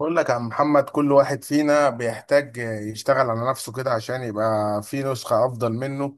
بقول لك يا عم محمد، كل واحد فينا بيحتاج يشتغل على نفسه كده عشان يبقى في نسخة أفضل منه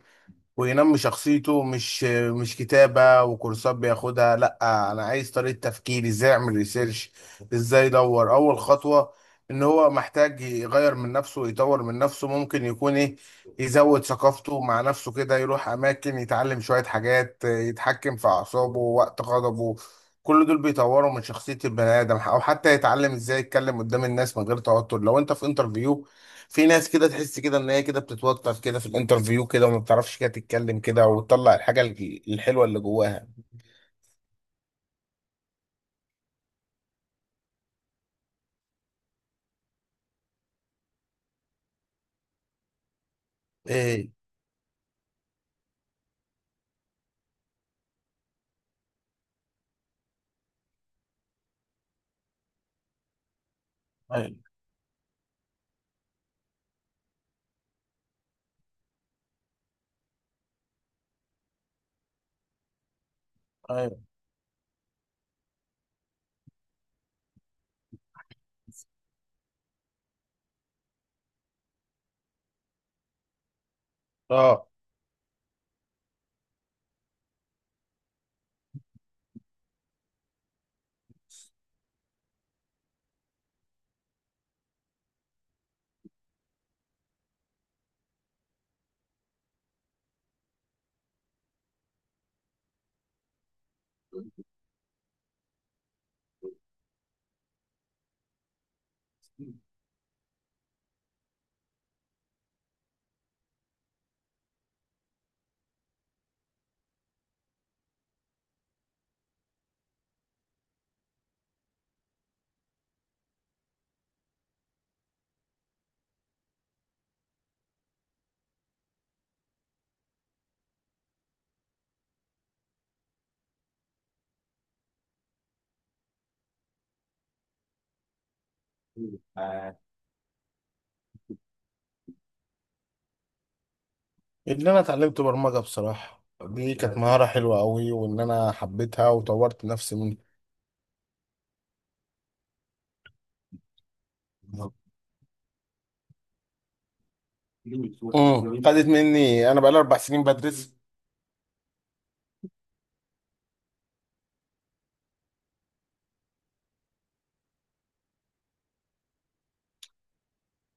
وينمي شخصيته. مش كتابة وكورسات بياخدها، لا. انا عايز طريقة تفكير، ازاي اعمل ريسيرش، ازاي ادور اول خطوة. ان هو محتاج يغير من نفسه ويطور من نفسه ممكن يكون ايه؟ يزود ثقافته مع نفسه كده، يروح اماكن يتعلم شوية حاجات، يتحكم في اعصابه وقت غضبه. كل دول بيطوروا من شخصية البني آدم. أو حتى يتعلم إزاي يتكلم قدام الناس من غير توتر، لو أنت في انترفيو. في ناس كده تحس كده ان هي كده بتتوتر كده في الانترفيو كده، وما بتعرفش كده تتكلم كده وتطلع الحاجه الحلوه اللي جواها. ايه؟ ايوه. ايوه. اه. ان انا اتعلمت برمجه بصراحه، دي كانت مهاره حلوه قوي، وان انا حبيتها وطورت نفسي منها. خدت مني، انا بقالي 4 سنين بدرس.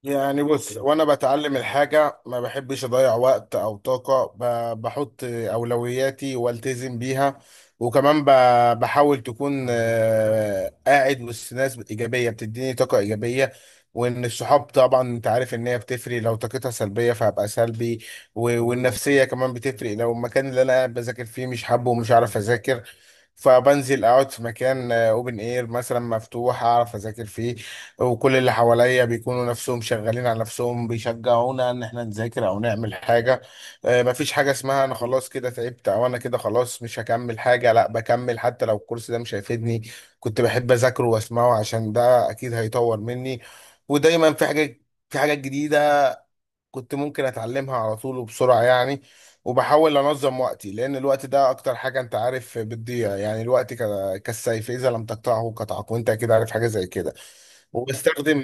يعني بص، وانا بتعلم الحاجة ما بحبش اضيع وقت او طاقة، بحط اولوياتي والتزم بيها. وكمان بحاول تكون قاعد وسط ناس ايجابية بتديني طاقة ايجابية. وان الصحاب طبعا، انت عارف ان هي بتفرق، لو طاقتها سلبية فهبقى سلبي. والنفسية كمان بتفرق، لو المكان اللي انا قاعد بذاكر فيه مش حابه ومش عارف اذاكر، فبنزل اقعد في مكان اوبن اير مثلا مفتوح اعرف اذاكر فيه. وكل اللي حواليا بيكونوا نفسهم شغالين على نفسهم، بيشجعونا ان احنا نذاكر او نعمل حاجه. مفيش حاجه اسمها انا خلاص كده تعبت، او انا كده خلاص مش هكمل حاجه. لا، بكمل حتى لو الكورس ده مش هيفيدني، كنت بحب اذاكره واسمعه، عشان ده اكيد هيطور مني. ودايما في حاجه، في حاجات جديده كنت ممكن اتعلمها على طول وبسرعة يعني. وبحاول انظم وقتي، لان الوقت ده اكتر حاجة انت عارف بتضيع يعني. الوقت كالسيف، اذا لم تقطعه قطعك، وانت اكيد عارف حاجة زي كده. وبستخدم،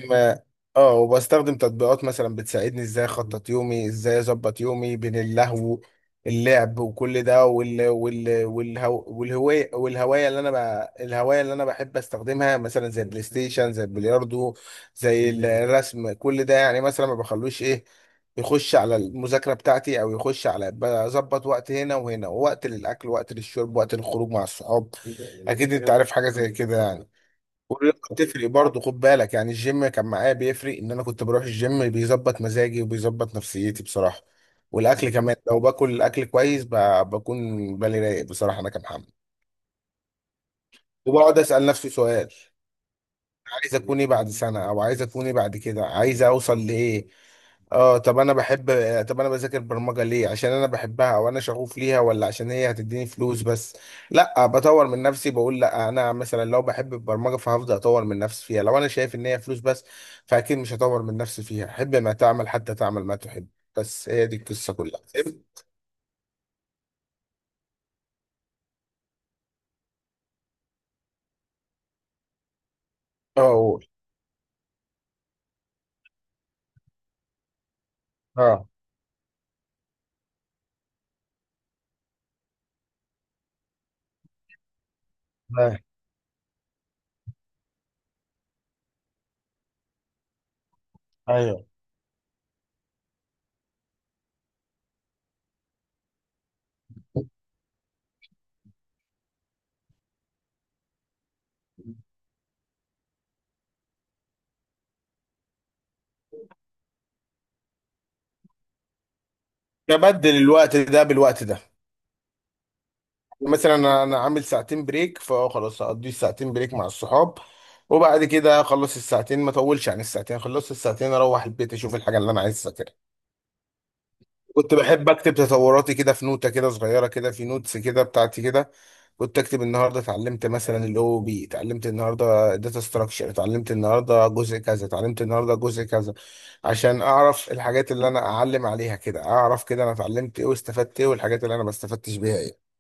اه، وبستخدم تطبيقات مثلا بتساعدني ازاي اخطط يومي، ازاي اظبط يومي بين اللهو، اللعب، وكل ده، والهو، والهوايه اللي انا بقى، الهوايه اللي انا بحب استخدمها مثلا زي البلاي ستيشن، زي البلياردو، زي الرسم، كل ده. يعني مثلا ما بخلوش ايه، يخش على المذاكرة بتاعتي، أو يخش على، بظبط وقت هنا وهنا، ووقت للأكل، ووقت للشرب، وقت للخروج مع الصحاب. أكيد أنت عارف حاجة زي كده يعني. والرياضة بتفرق برضه، خد بالك يعني. الجيم كان معايا بيفرق، إن أنا كنت بروح الجيم بيظبط مزاجي وبيظبط نفسيتي بصراحة. والأكل كمان، لو باكل الأكل كويس بكون بالي رايق بصراحة. أنا كمحمد، وبقعد أسأل نفسي سؤال: عايز اكون ايه بعد سنه؟ او عايز اكون ايه بعد كده؟ عايز اوصل لايه؟ اه، طب انا بحب، طب انا بذاكر برمجه ليه؟ عشان انا بحبها او انا شغوف ليها، ولا عشان هي هتديني فلوس بس؟ لا، بطور من نفسي، بقول لا، انا مثلا لو بحب البرمجه فهفضل اطور من نفسي فيها. لو انا شايف ان هي فلوس بس، فاكيد مش هطور من نفسي فيها. حب ما تعمل، حتى تعمل ما تحب. بس هي دي القصه كلها. اه، قول. اه. اه. ايوه. تبدل الوقت ده بالوقت ده. مثلا انا عامل ساعتين بريك، فخلاص هقضي الساعتين بريك مع الصحاب، وبعد كده اخلص الساعتين، ما اطولش عن الساعتين، خلصت الساعتين اروح البيت اشوف الحاجه اللي انا عايز اذاكرها. كنت بحب اكتب تطوراتي كده في نوتة كده صغيره كده، في نوتس كده بتاعتي كده. كنت اكتب: النهارده اتعلمت مثلا الاو بي، اتعلمت النهارده داتا ستراكشر، اتعلمت النهارده جزء كذا، اتعلمت النهارده جزء كذا. عشان اعرف الحاجات اللي انا اعلم عليها كده، اعرف كده انا اتعلمت ايه واستفدت ايه، والحاجات اللي انا ما استفدتش بيها ايه.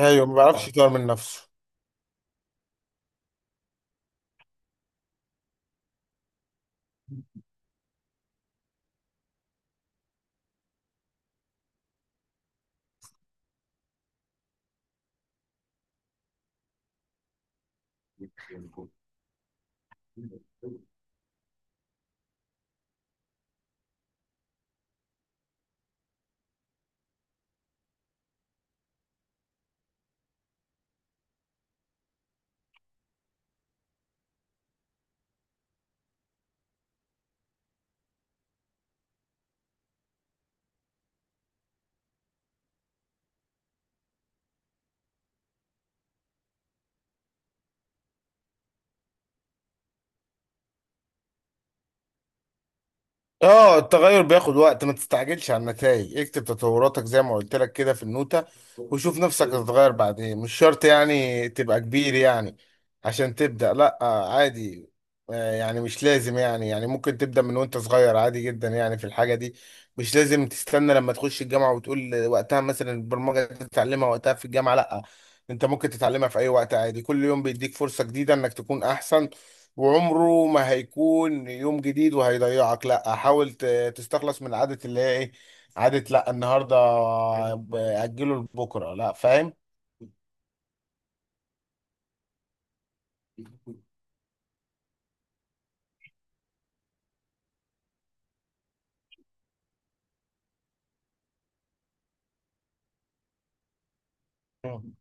ايوه، ما بعرفش يطور من نفسه. اه، التغير بياخد وقت، ما تستعجلش على النتائج. اكتب تطوراتك زي ما قلت لك كده في النوتة، وشوف نفسك هتتغير بعدين. مش شرط يعني تبقى كبير يعني عشان تبدأ، لا، عادي. يعني مش لازم يعني، يعني ممكن تبدأ من وانت صغير عادي جدا يعني في الحاجة دي. مش لازم تستنى لما تخش الجامعة وتقول وقتها مثلا البرمجة تتعلمها وقتها في الجامعة، لا. انت ممكن تتعلمها في اي وقت عادي، كل يوم بيديك فرصة جديدة انك تكون احسن. وعمره ما هيكون يوم جديد وهيضيعك، لا. حاول تستخلص من عادة اللي هي ايه، عادة لا النهارده اجله لبكره، لا، فاهم؟ مم.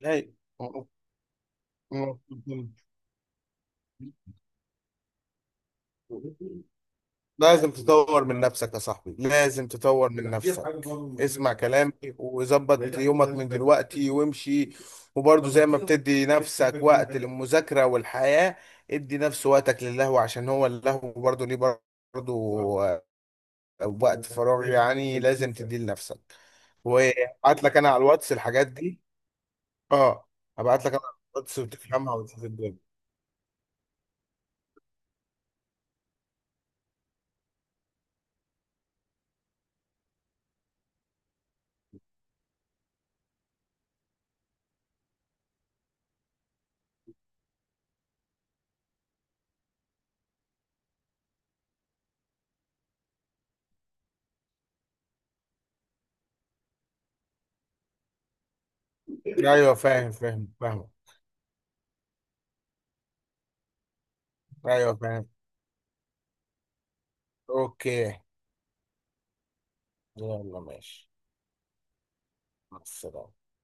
لا. م- م- لازم تطور من نفسك يا صاحبي، لازم تطور من نفسك. اسمع كلامي، وظبط يومك من دلوقتي وامشي. وبرضه زي ما بتدي نفسك وقت للمذاكرة والحياة، ادي نفس وقتك للهو، عشان هو اللهو برضه ليه، برضه وقت فراغ يعني، لازم تديه لنفسك. وابعت لك انا على الواتس الحاجات دي. اه، ابعت لك انا على الواتس وتفهمها وتشوف الدنيا. ايوه، فاهم فاهم فاهم. ايوه فاهم. اوكي. يلا ماشي. مع السلامة.